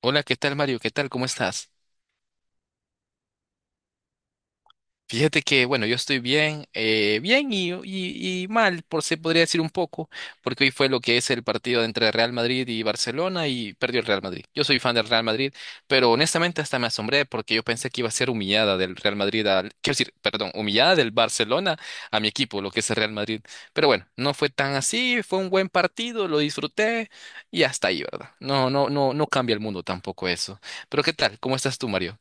Hola, ¿qué tal, Mario? ¿Qué tal? ¿Cómo estás? Fíjate que, bueno, yo estoy bien, bien y mal, por se podría decir un poco, porque hoy fue lo que es el partido entre Real Madrid y Barcelona y perdió el Real Madrid. Yo soy fan del Real Madrid, pero honestamente hasta me asombré porque yo pensé que iba a ser humillada del Real Madrid al, quiero decir, perdón, humillada del Barcelona a mi equipo, lo que es el Real Madrid. Pero bueno, no fue tan así, fue un buen partido, lo disfruté y hasta ahí, ¿verdad? No, no, no, no cambia el mundo tampoco eso. Pero ¿qué tal? ¿Cómo estás tú, Mario?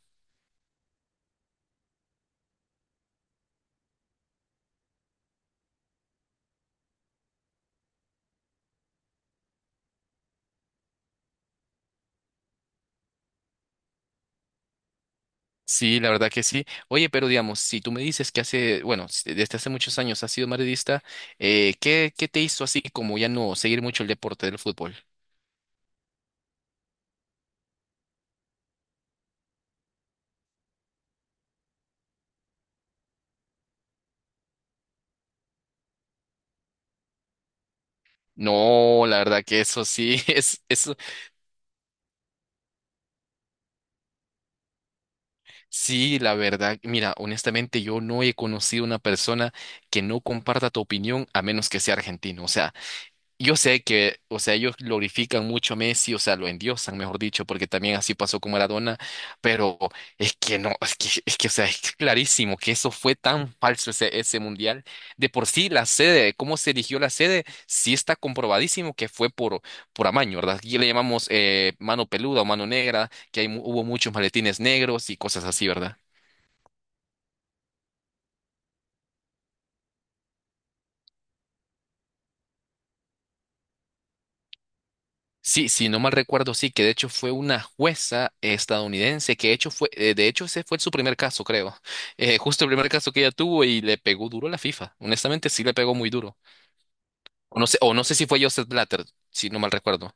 Sí, la verdad que sí. Oye, pero digamos, si tú me dices que hace, bueno, desde hace muchos años has sido madridista, ¿qué te hizo así como ya no seguir mucho el deporte del fútbol? No, la verdad que eso sí, es, eso sí, la verdad. Mira, honestamente yo no he conocido una persona que no comparta tu opinión a menos que sea argentino. O sea, yo sé que, o sea, ellos glorifican mucho a Messi, o sea, lo endiosan, mejor dicho, porque también así pasó con Maradona, pero es que no, es que, o sea, es clarísimo que eso fue tan falso ese, ese mundial. De por sí, la sede, cómo se eligió la sede, sí está comprobadísimo que fue por amaño, ¿verdad? Aquí le llamamos mano peluda o mano negra, que hay, hubo muchos maletines negros y cosas así, ¿verdad? Sí, si no mal recuerdo, sí, que de hecho fue una jueza estadounidense, que de hecho fue, de hecho ese fue su primer caso, creo. Justo el primer caso que ella tuvo y le pegó duro a la FIFA. Honestamente, sí le pegó muy duro. O no sé si fue Joseph Blatter, si no mal recuerdo.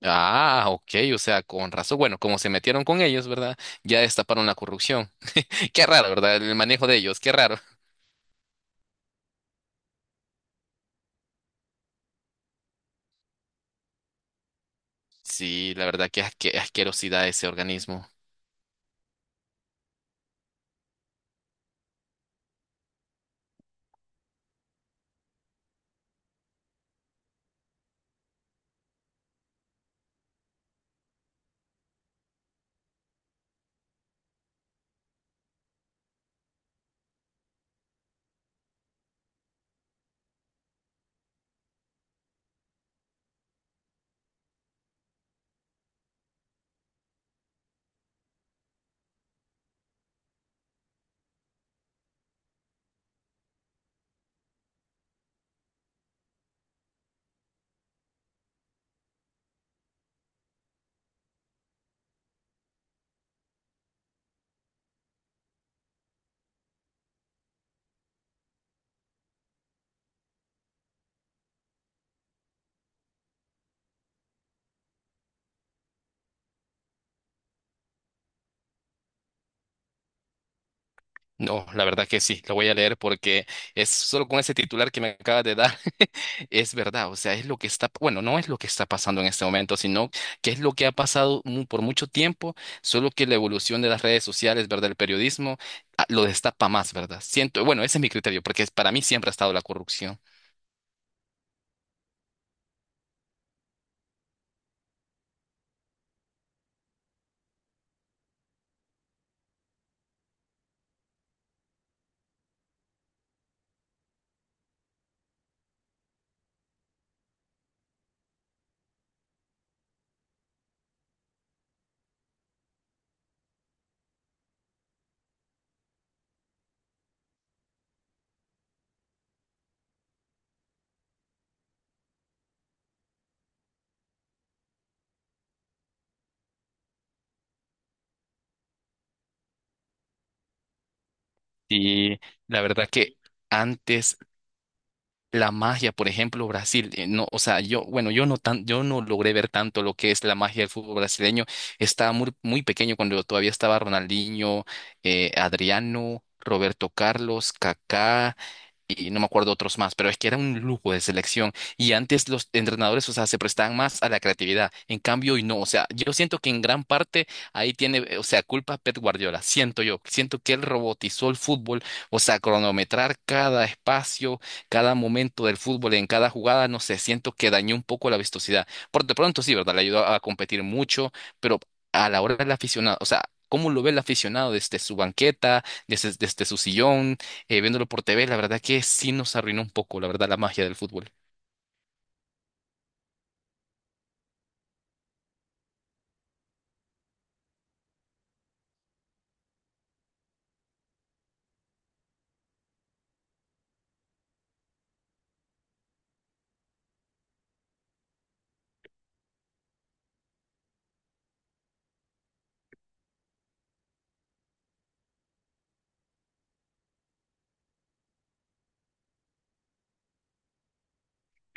Ah, ok, o sea, con razón. Bueno, como se metieron con ellos, ¿verdad? Ya destaparon la corrupción. Qué raro, ¿verdad? El manejo de ellos, qué raro. Sí, la verdad, qué asquerosidad ese organismo. No, la verdad que sí, lo voy a leer porque es solo con ese titular que me acabas de dar, es verdad, o sea, es lo que está, bueno, no es lo que está pasando en este momento, sino que es lo que ha pasado por mucho tiempo, solo que la evolución de las redes sociales, ¿verdad? El periodismo ah, lo destapa más, ¿verdad? Siento, bueno, ese es mi criterio, porque para mí siempre ha estado la corrupción. Y la verdad que antes la magia, por ejemplo, Brasil, no, o sea, yo, bueno, yo no tan, yo no logré ver tanto lo que es la magia del fútbol brasileño. Estaba muy, muy pequeño cuando todavía estaba Ronaldinho, Adriano, Roberto Carlos, Kaká, y no me acuerdo otros más, pero es que era un lujo de selección y antes los entrenadores, o sea, se prestaban más a la creatividad, en cambio hoy no, o sea, yo siento que en gran parte ahí tiene, o sea, culpa Pep Guardiola, siento yo, siento que él robotizó el fútbol, o sea, cronometrar cada espacio, cada momento del fútbol en cada jugada, no sé, siento que dañó un poco la vistosidad. Por de pronto sí, ¿verdad? Le ayudó a competir mucho, pero a la hora del aficionado, o sea, ¿cómo lo ve el aficionado desde su banqueta, desde, desde su sillón? Viéndolo por TV, la verdad que sí nos arruinó un poco, la verdad, la magia del fútbol.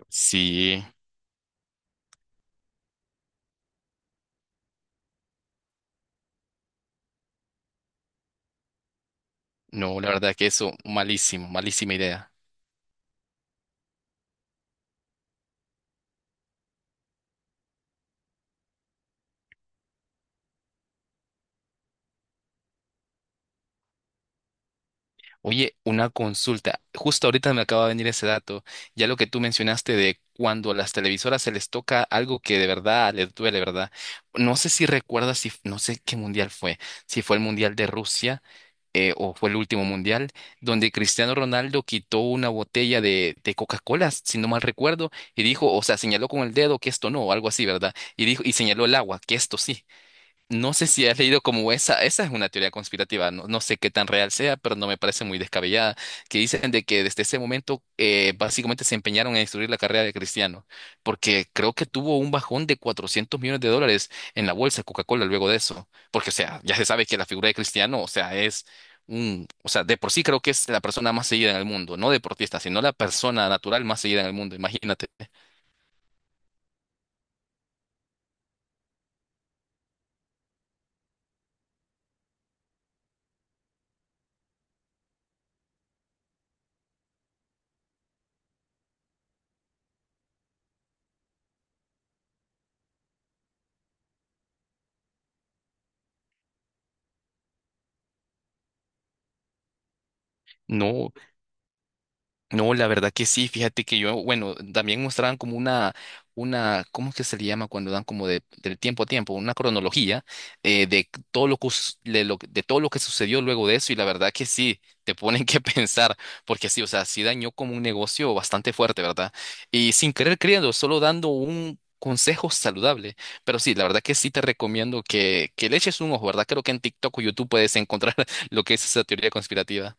Sí, no, la verdad que eso, malísimo, malísima idea. Oye, una consulta. Justo ahorita me acaba de venir ese dato. Ya lo que tú mencionaste de cuando a las televisoras se les toca algo que de verdad les duele, ¿verdad? No sé si recuerdas, si, no sé qué mundial fue, si fue el mundial de Rusia o fue el último mundial, donde Cristiano Ronaldo quitó una botella de Coca-Cola, si no mal recuerdo, y dijo, o sea, señaló con el dedo que esto no, o algo así, ¿verdad? Y dijo, y señaló el agua, que esto sí. No sé si has leído como esa es una teoría conspirativa, no, no sé qué tan real sea, pero no me parece muy descabellada, que dicen de que desde ese momento básicamente se empeñaron en destruir la carrera de Cristiano, porque creo que tuvo un bajón de 400 millones de dólares en la bolsa de Coca-Cola luego de eso, porque o sea, ya se sabe que la figura de Cristiano, o sea, es un, o sea, de por sí creo que es la persona más seguida en el mundo, no deportista, sino la persona natural más seguida en el mundo, imagínate. No. No, la verdad que sí, fíjate que yo, bueno, también mostraban como una, ¿cómo es que se le llama cuando dan como de, del tiempo a tiempo? Una cronología de todo lo que, de lo, de todo lo que sucedió luego de eso y la verdad que sí, te ponen que pensar, porque sí, o sea, sí dañó como un negocio bastante fuerte, ¿verdad? Y sin querer creyendo, solo dando un consejo saludable, pero sí, la verdad que sí te recomiendo que le eches un ojo, ¿verdad? Creo que en TikTok o YouTube puedes encontrar lo que es esa teoría conspirativa.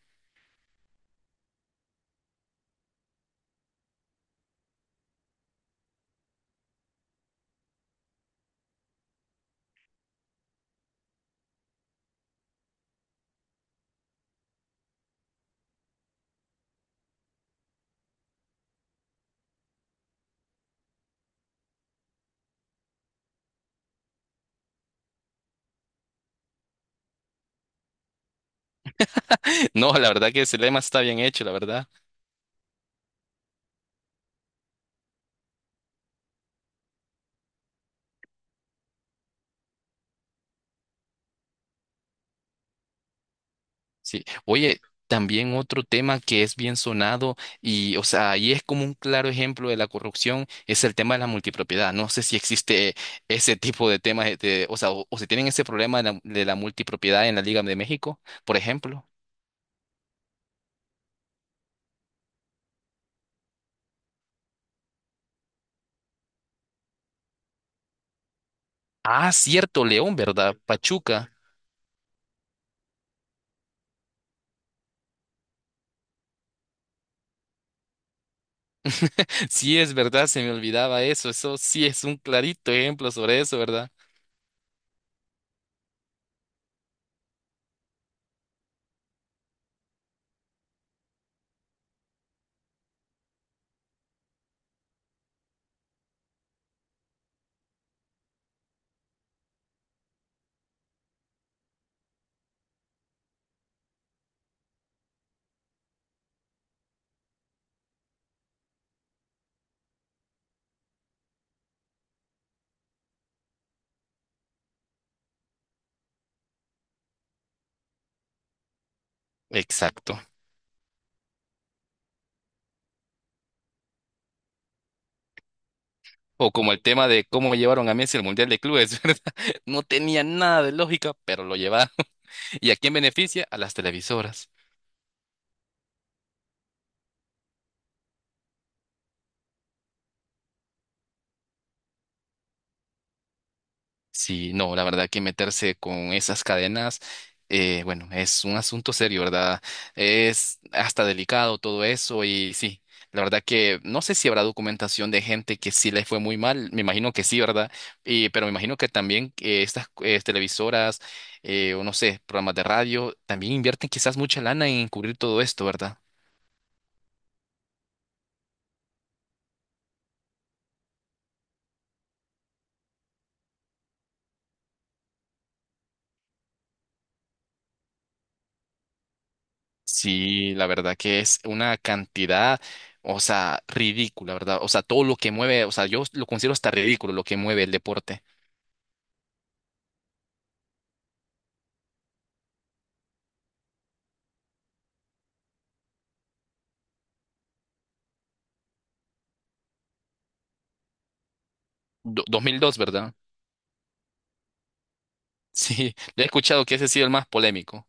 No, la verdad que ese lema está bien hecho, la verdad. Sí. Oye, también otro tema que es bien sonado y, o sea, ahí es como un claro ejemplo de la corrupción, es el tema de la multipropiedad. No sé si existe ese tipo de temas, o sea, o si tienen ese problema de de la multipropiedad en la Liga de México, por ejemplo. Ah, cierto, León, ¿verdad? Pachuca. Sí, es verdad, se me olvidaba eso. Eso sí es un clarito ejemplo sobre eso, ¿verdad? Exacto. O como el tema de cómo llevaron a Messi al Mundial de Clubes, ¿verdad? No tenía nada de lógica, pero lo llevaron. ¿Y a quién beneficia? A las televisoras. Sí, no, la verdad que meterse con esas cadenas, bueno, es un asunto serio, ¿verdad? Es hasta delicado todo eso y sí, la verdad que no sé si habrá documentación de gente que sí le fue muy mal, me imagino que sí, ¿verdad? Y, pero me imagino que también estas televisoras, o no sé, programas de radio, también invierten quizás mucha lana en cubrir todo esto, ¿verdad? Sí, la verdad que es una cantidad, o sea, ridícula, ¿verdad? O sea, todo lo que mueve, o sea, yo lo considero hasta ridículo lo que mueve el deporte. Dos, mil dos, ¿verdad? Sí, he escuchado que ese ha sido el más polémico.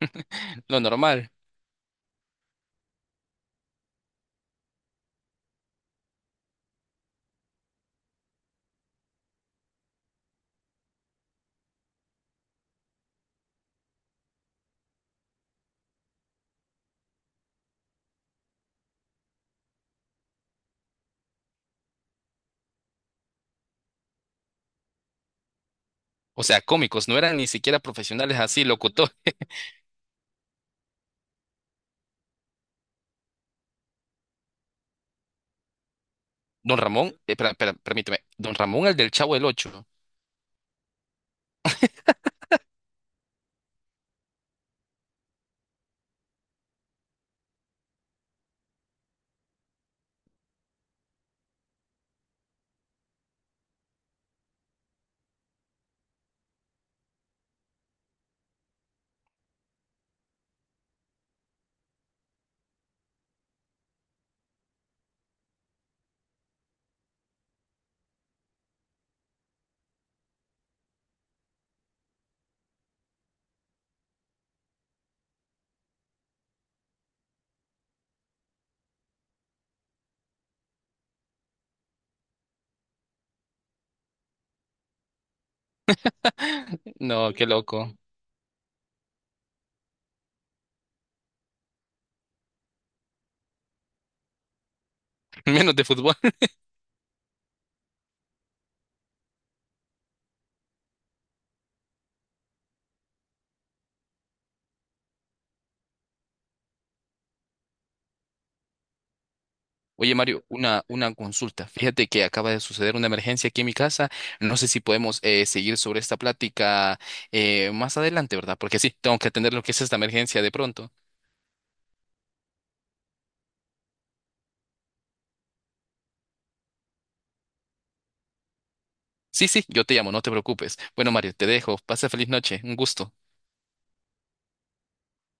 Lo normal. O sea, cómicos, no eran ni siquiera profesionales así, locutor. Don Ramón, permíteme, Don Ramón, el del Chavo del Ocho. No, qué loco. Menos de fútbol. Oye, Mario, una consulta. Fíjate que acaba de suceder una emergencia aquí en mi casa. No sé si podemos seguir sobre esta plática más adelante, ¿verdad? Porque sí, tengo que atender lo que es esta emergencia de pronto. Sí, sí, yo te llamo, no te preocupes. Bueno, Mario, te dejo. Pasa feliz noche. Un gusto.